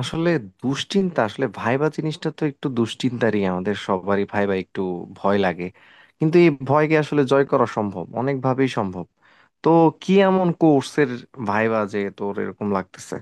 আসলে দুশ্চিন্তা আসলে ভাইবা জিনিসটা তো একটু দুশ্চিন্তারই, আমাদের সবারই ভাইবা একটু ভয় লাগে। কিন্তু এই ভয়কে আসলে জয় করা সম্ভব, অনেকভাবেই সম্ভব। তো কি এমন কোর্সের ভাইবা যে তোর এরকম লাগতেছে?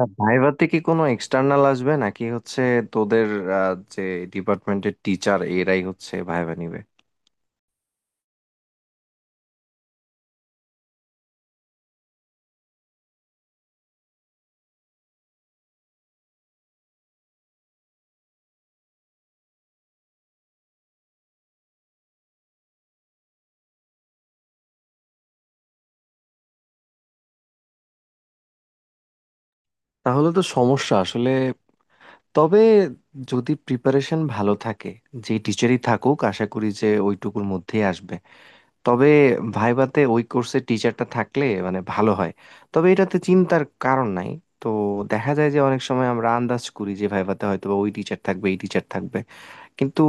আর ভাইভাতে কি কোনো এক্সটার্নাল আসবে নাকি হচ্ছে তোদের যে ডিপার্টমেন্টের টিচার এরাই হচ্ছে ভাইভা নিবে? তাহলে তো সমস্যা আসলে। তবে যদি প্রিপারেশন ভালো থাকে, যে টিচারই থাকুক আশা করি যে ওইটুকুর মধ্যেই আসবে। তবে ভাইভাতে ওই কোর্সের টিচারটা থাকলে মানে ভালো হয়। তবে এটাতে চিন্তার কারণ নাই। তো দেখা যায় যে অনেক সময় আমরা আন্দাজ করি যে ভাইভাতে হয়তো বা ওই টিচার থাকবে, এই টিচার থাকবে, কিন্তু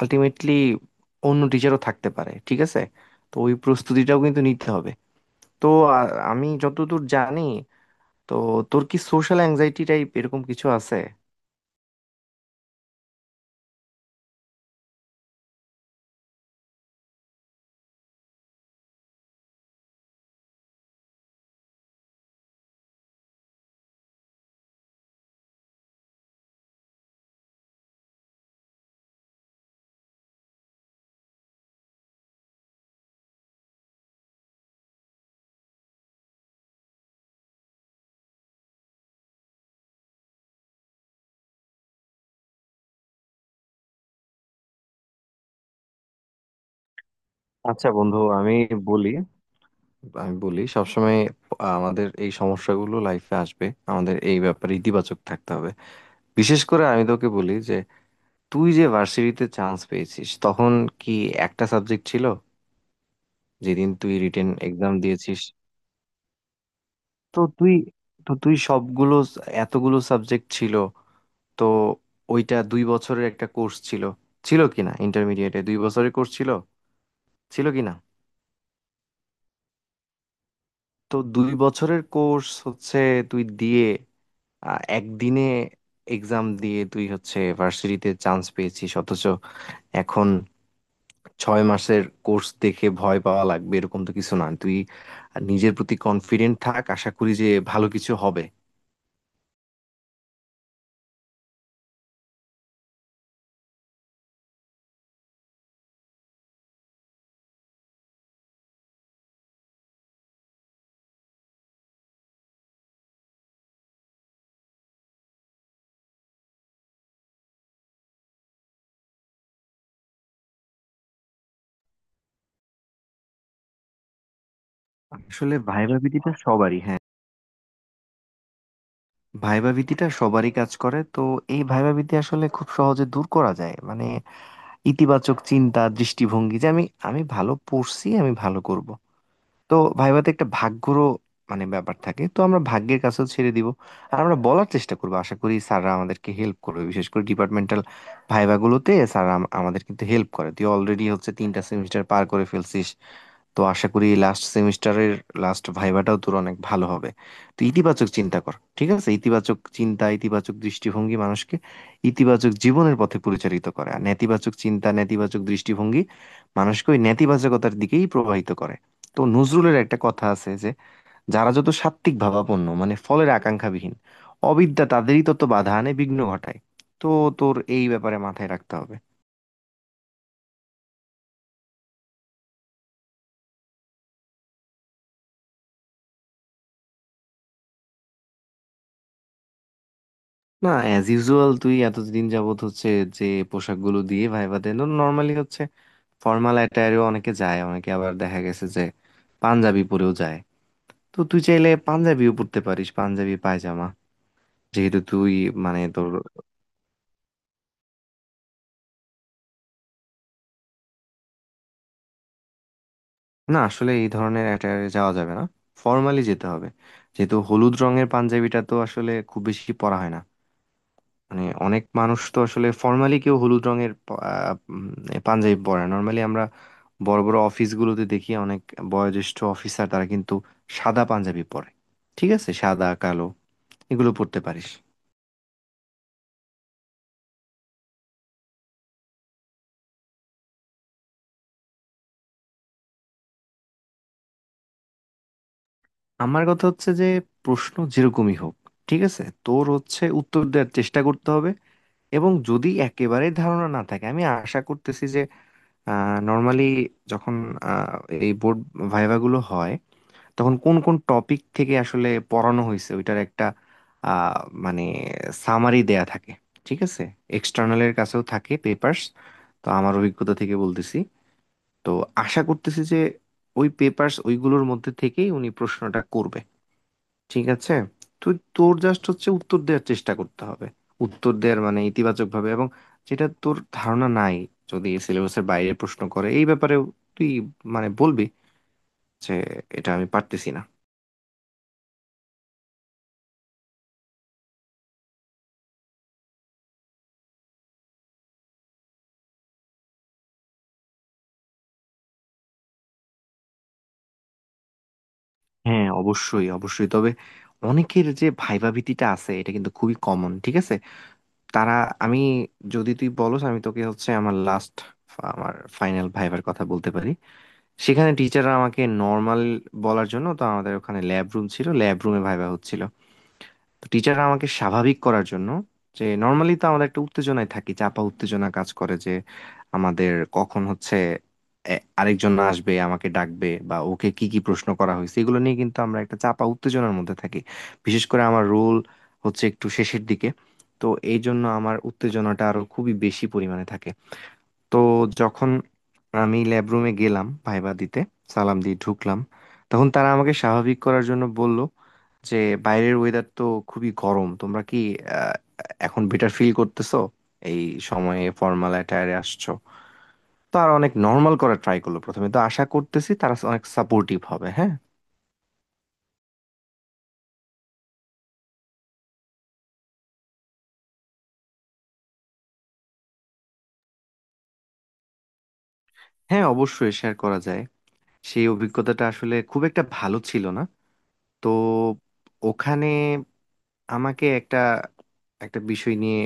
আলটিমেটলি অন্য টিচারও থাকতে পারে, ঠিক আছে। তো ওই প্রস্তুতিটাও কিন্তু নিতে হবে। তো আমি যতদূর জানি, তো তোর কি সোশ্যাল অ্যাংজাইটি টাইপ এরকম কিছু আছে? আচ্ছা বন্ধু আমি বলি, আমি বলি সবসময় আমাদের এই সমস্যাগুলো লাইফে আসবে, আমাদের এই ব্যাপারে ইতিবাচক থাকতে হবে। বিশেষ করে আমি তোকে বলি যে তুই যে ভার্সিটিতে চান্স পেয়েছিস, তখন কি একটা সাবজেক্ট ছিল? যেদিন তুই রিটেন এক্সাম দিয়েছিস, তো তুই তো তুই সবগুলো, এতগুলো সাবজেক্ট ছিল, তো ওইটা 2 বছরের একটা কোর্স ছিল, ছিল কি না, ইন্টারমিডিয়েটে 2 বছরের কোর্স ছিল ছিল কি না। তো 2 বছরের কোর্স হচ্ছে, তুই দিয়ে একদিনে এক্সাম দিয়ে তুই হচ্ছে ভার্সিটিতে চান্স পেয়েছিস, অথচ এখন 6 মাসের কোর্স দেখে ভয় পাওয়া লাগবে এরকম তো কিছু না। তুই নিজের প্রতি কনফিডেন্ট থাক, আশা করি যে ভালো কিছু হবে। আসলে ভাইবা ভীতিটা সবারই, হ্যাঁ ভাইবা ভীতিটা সবারই কাজ করে। তো এই ভাইবা ভীতি আসলে খুব সহজে দূর করা যায়, মানে ইতিবাচক চিন্তা দৃষ্টিভঙ্গি যে আমি আমি ভালো পড়ছি, আমি ভালো করব। তো ভাইভাতে একটা ভাগ্যরও মানে ব্যাপার থাকে, তো আমরা ভাগ্যের কাছেও ছেড়ে দিব। আর আমরা বলার চেষ্টা করবো, আশা করি স্যাররা আমাদেরকে হেল্প করবে, বিশেষ করে ডিপার্টমেন্টাল ভাইভাগুলোতে স্যাররা আমাদের কিন্তু হেল্প করে। তুই অলরেডি হচ্ছে 3টা সেমিস্টার পার করে ফেলছিস, তো আশা করি লাস্ট সেমিস্টারের লাস্ট ভাইভাটাও তোর অনেক ভালো হবে। তো ইতিবাচক চিন্তা কর, ঠিক আছে। ইতিবাচক চিন্তা, ইতিবাচক দৃষ্টিভঙ্গি মানুষকে ইতিবাচক জীবনের পথে পরিচালিত করে, আর নেতিবাচক চিন্তা, নেতিবাচক দৃষ্টিভঙ্গি মানুষকে ওই নেতিবাচকতার দিকেই প্রবাহিত করে। তো নজরুলের একটা কথা আছে যে যারা যত সাত্ত্বিক ভাবাপন্ন, মানে ফলের আকাঙ্ক্ষাবিহীন, অবিদ্যা তাদেরই তত বাধা আনে, বিঘ্ন ঘটায়। তো তোর এই ব্যাপারে মাথায় রাখতে হবে। না, অ্যাজ ইউজুয়াল তুই এতদিন যাবত হচ্ছে যে পোশাকগুলো দিয়ে ভাইবা দেন, নর্মালি হচ্ছে ফর্মাল অ্যাটায়ারেও অনেকে যায়, অনেকে আবার দেখা গেছে যে পাঞ্জাবি পরেও যায়। তো তুই চাইলে পাঞ্জাবিও পরতে পারিস, পাঞ্জাবি পায়জামা, যেহেতু তুই মানে তোর, না আসলে এই ধরনের অ্যাটায়ারে যাওয়া যাবে না, ফর্মালি যেতে হবে। যেহেতু হলুদ রঙের পাঞ্জাবিটা তো আসলে খুব বেশি পরা হয় না, মানে অনেক মানুষ তো আসলে ফর্মালি, কেউ হলুদ রঙের পাঞ্জাবি পরে। নর্মালি আমরা বড় বড় অফিসগুলোতে দেখি অনেক বয়োজ্যেষ্ঠ অফিসার তারা কিন্তু সাদা পাঞ্জাবি পরে, ঠিক আছে। সাদা, কালো এগুলো পরতে পারিস। আমার কথা হচ্ছে যে প্রশ্ন যেরকমই হোক, ঠিক আছে, তোর হচ্ছে উত্তর দেওয়ার চেষ্টা করতে হবে। এবং যদি একেবারে ধারণা না থাকে, আমি আশা করতেছি নর্মালি যখন আহ, এই বোর্ড ভাইভা গুলো হয়, তখন কোন কোন টপিক থেকে আসলে পড়ানো হয়েছে ওইটার একটা আহ, মানে সামারি দেয়া থাকে, ঠিক আছে। এক্সটার্নালের কাছেও থাকে পেপার্স, তো আমার অভিজ্ঞতা থেকে বলতেছি। তো আশা করতেছি যে ওই পেপার্স, ওইগুলোর মধ্যে থেকেই উনি প্রশ্নটা করবে, ঠিক আছে। তুই তোর জাস্ট হচ্ছে উত্তর দেওয়ার চেষ্টা করতে হবে, উত্তর দেওয়ার মানে ইতিবাচক ভাবে। এবং যেটা তোর ধারণা নাই, যদি সিলেবাসের বাইরে প্রশ্ন করে, এই ব্যাপারেও তুই মানে বলবি যে এটা আমি পারতেছি না। হ্যাঁ অবশ্যই অবশ্যই। তবে অনেকের যে ভাইবা ভীতিটা আছে এটা কিন্তু খুবই কমন, ঠিক আছে। তারা, আমি, যদি তুই বলস আমি তোকে হচ্ছে আমার লাস্ট, আমার ফাইনাল ভাইবার কথা বলতে পারি। সেখানে টিচাররা আমাকে নর্মাল বলার জন্য, তো আমাদের ওখানে ল্যাব রুম ছিল, ল্যাব রুমে ভাইবা হচ্ছিল। তো টিচার আমাকে স্বাভাবিক করার জন্য, যে নর্মালি তো আমরা একটা উত্তেজনায় থাকি, চাপা উত্তেজনা কাজ করে যে আমাদের কখন হচ্ছে আরেকজন আসবে আমাকে ডাকবে, বা ওকে কি কি প্রশ্ন করা হয়েছে, এগুলো নিয়ে কিন্তু আমরা একটা চাপা উত্তেজনার মধ্যে থাকি। বিশেষ করে আমার রোল হচ্ছে একটু শেষের দিকে, তো এই জন্য আমার উত্তেজনাটা আরো খুবই বেশি পরিমাণে থাকে। তো যখন আমি ল্যাব রুমে গেলাম ভাইবা দিতে, সালাম দিয়ে ঢুকলাম, তখন তারা আমাকে স্বাভাবিক করার জন্য বলল যে বাইরের ওয়েদার তো খুবই গরম, তোমরা কি আহ, এখন বেটার ফিল করতেছো, এই সময়ে ফর্মাল অ্যাটায়ারে আসছো। তো আর অনেক নর্মাল করার ট্রাই করলো প্রথমে, তো আশা করতেছি তারা অনেক সাপোর্টিভ হবে, হ্যাঁ। হ্যাঁ অবশ্যই শেয়ার করা যায়। সেই অভিজ্ঞতাটা আসলে খুব একটা ভালো ছিল না। তো ওখানে আমাকে একটা, একটা বিষয় নিয়ে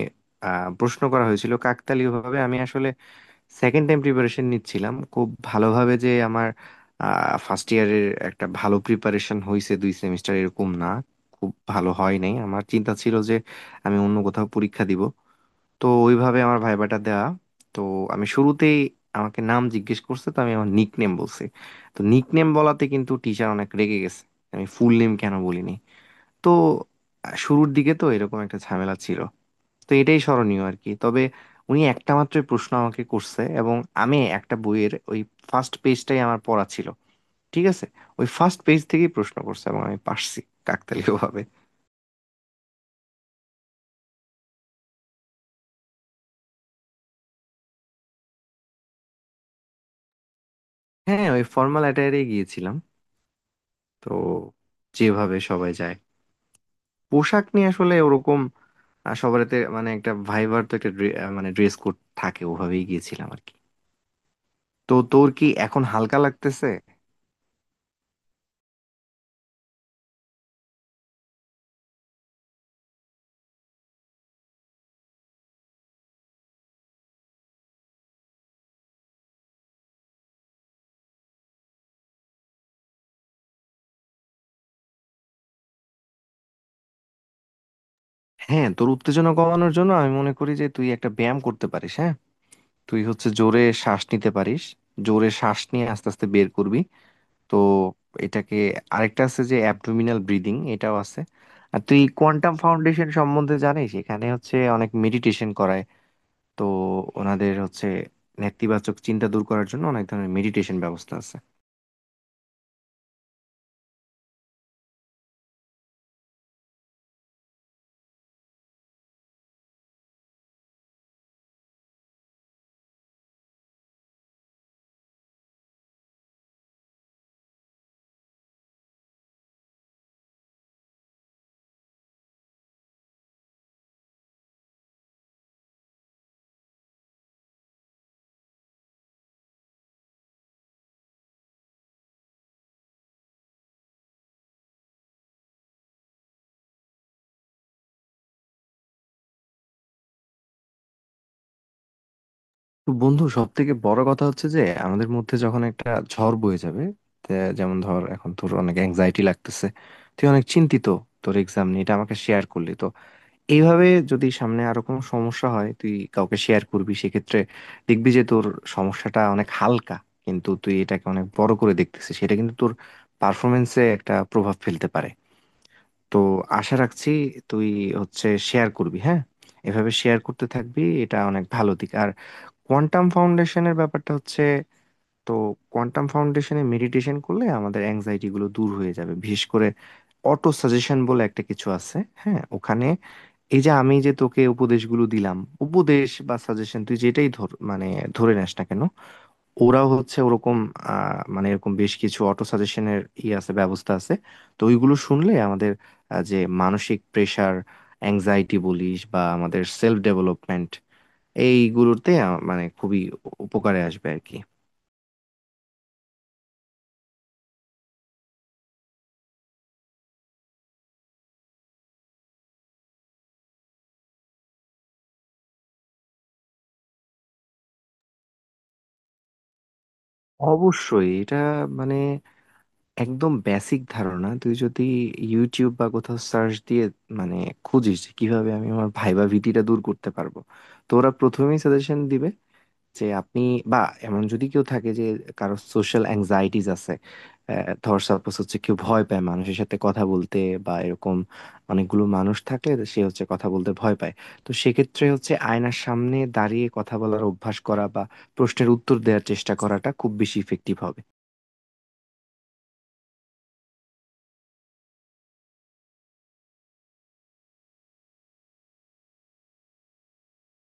প্রশ্ন করা হয়েছিল। কাকতালীয় ভাবে আমি আসলে সেকেন্ড টাইম প্রিপারেশন নিচ্ছিলাম খুব ভালোভাবে, যে আমার ফার্স্ট ইয়ারের একটা ভালো প্রিপারেশন হয়েছে দুই সেমিস্টার, এরকম না, খুব ভালো হয় নাই। আমার চিন্তা ছিল যে আমি অন্য কোথাও পরীক্ষা দিব, তো ওইভাবে আমার ভাইবাটা দেওয়া। তো আমি শুরুতেই, আমাকে নাম জিজ্ঞেস করছে, তো আমি আমার নিক নেম বলছি। তো নিক নেম বলাতে কিন্তু টিচার অনেক রেগে গেছে, আমি ফুল নেম কেন বলিনি। তো শুরুর দিকে তো এরকম একটা ঝামেলা ছিল, তো এটাই স্মরণীয় আর কি। তবে উনি একটা মাত্র প্রশ্ন আমাকে করছে, এবং আমি একটা বইয়ের ওই ফার্স্ট পেজটাই আমার পড়া ছিল, ঠিক আছে। ওই ফার্স্ট পেজ থেকেই প্রশ্ন করছে এবং আমি পারছি, কাকতালীয় ভাবে। হ্যাঁ, ওই ফর্মাল অ্যাটায়ারে গিয়েছিলাম। তো যেভাবে সবাই যায়, পোশাক নিয়ে আসলে ওরকম সবারতে মানে একটা ভাইবার তো একটা মানে ড্রেস কোড থাকে, ওভাবেই গিয়েছিলাম আর কি। তো তোর কি এখন হালকা লাগতেছে? হ্যাঁ তোর উত্তেজনা কমানোর জন্য আমি মনে করি যে তুই একটা ব্যায়াম করতে পারিস, হ্যাঁ। তুই হচ্ছে জোরে শ্বাস নিতে পারিস, জোরে শ্বাস নিয়ে আস্তে আস্তে বের করবি। তো এটাকে, আরেকটা আছে যে অ্যাবডোমিনাল ব্রিদিং, এটাও আছে। আর তুই কোয়ান্টাম ফাউন্ডেশন সম্বন্ধে জানিস, এখানে হচ্ছে অনেক মেডিটেশন করায়। তো ওনাদের হচ্ছে নেতিবাচক চিন্তা দূর করার জন্য অনেক ধরনের মেডিটেশন ব্যবস্থা আছে। তো বন্ধু সব থেকে বড় কথা হচ্ছে যে আমাদের মধ্যে যখন একটা ঝড় বয়ে যাবে, তে যেমন ধর এখন তোর অনেক অ্যাংজাইটি লাগতেছে, তুই অনেক চিন্তিত তোর এক্সাম নিয়ে, এটা আমাকে শেয়ার করলি। তো এইভাবে যদি সামনে আরো কোনো সমস্যা হয়, তুই কাউকে শেয়ার করবি সেক্ষেত্রে, দেখবি যে তোর সমস্যাটা অনেক হালকা। কিন্তু তুই এটাকে অনেক বড় করে দেখতেছিস, সেটা কিন্তু তোর পারফরমেন্সে একটা প্রভাব ফেলতে পারে। তো আশা রাখছি তুই হচ্ছে শেয়ার করবি, হ্যাঁ, এভাবে শেয়ার করতে থাকবি, এটা অনেক ভালো দিক। আর কোয়ান্টাম ফাউন্ডেশনের ব্যাপারটা হচ্ছে, তো কোয়ান্টাম ফাউন্ডেশনে মেডিটেশন করলে আমাদের অ্যাংজাইটি গুলো দূর হয়ে যাবে, বিশেষ করে অটো সাজেশন বলে একটা কিছু আছে, হ্যাঁ ওখানে। এই যে আমি যে তোকে উপদেশগুলো দিলাম, উপদেশ বা সাজেশন, তুই যেটাই ধর মানে, ধরে নেস না কেন, ওরাও হচ্ছে ওরকম মানে এরকম বেশ কিছু অটো সাজেশনের ই আছে, ব্যবস্থা আছে। তো ওইগুলো শুনলে আমাদের যে মানসিক প্রেসার, অ্যাংজাইটি বলিস বা আমাদের সেলফ ডেভেলপমেন্ট, এইগুলোতে মানে খুবই উপকারে আসবে আর কি। অবশ্যই এটা, মানে একদম বেসিক ধারণা। তুই যদি ইউটিউব বা কোথাও সার্চ দিয়ে মানে খুঁজিস যে কিভাবে আমি আমার ভাইবা ভীতিটা দূর করতে পারবো, তো ওরা প্রথমেই সাজেশন দিবে যে আপনি, বা এমন যদি কেউ থাকে যে, কারো সোশ্যাল অ্যাংজাইটিস আছে, ধর সাপোজ হচ্ছে কেউ ভয় পায় মানুষের সাথে কথা বলতে, বা এরকম অনেকগুলো মানুষ থাকলে সে হচ্ছে কথা বলতে ভয় পায়, তো সেক্ষেত্রে হচ্ছে আয়নার সামনে দাঁড়িয়ে কথা বলার অভ্যাস করা বা প্রশ্নের উত্তর দেওয়ার চেষ্টা করাটা খুব বেশি ইফেক্টিভ হবে।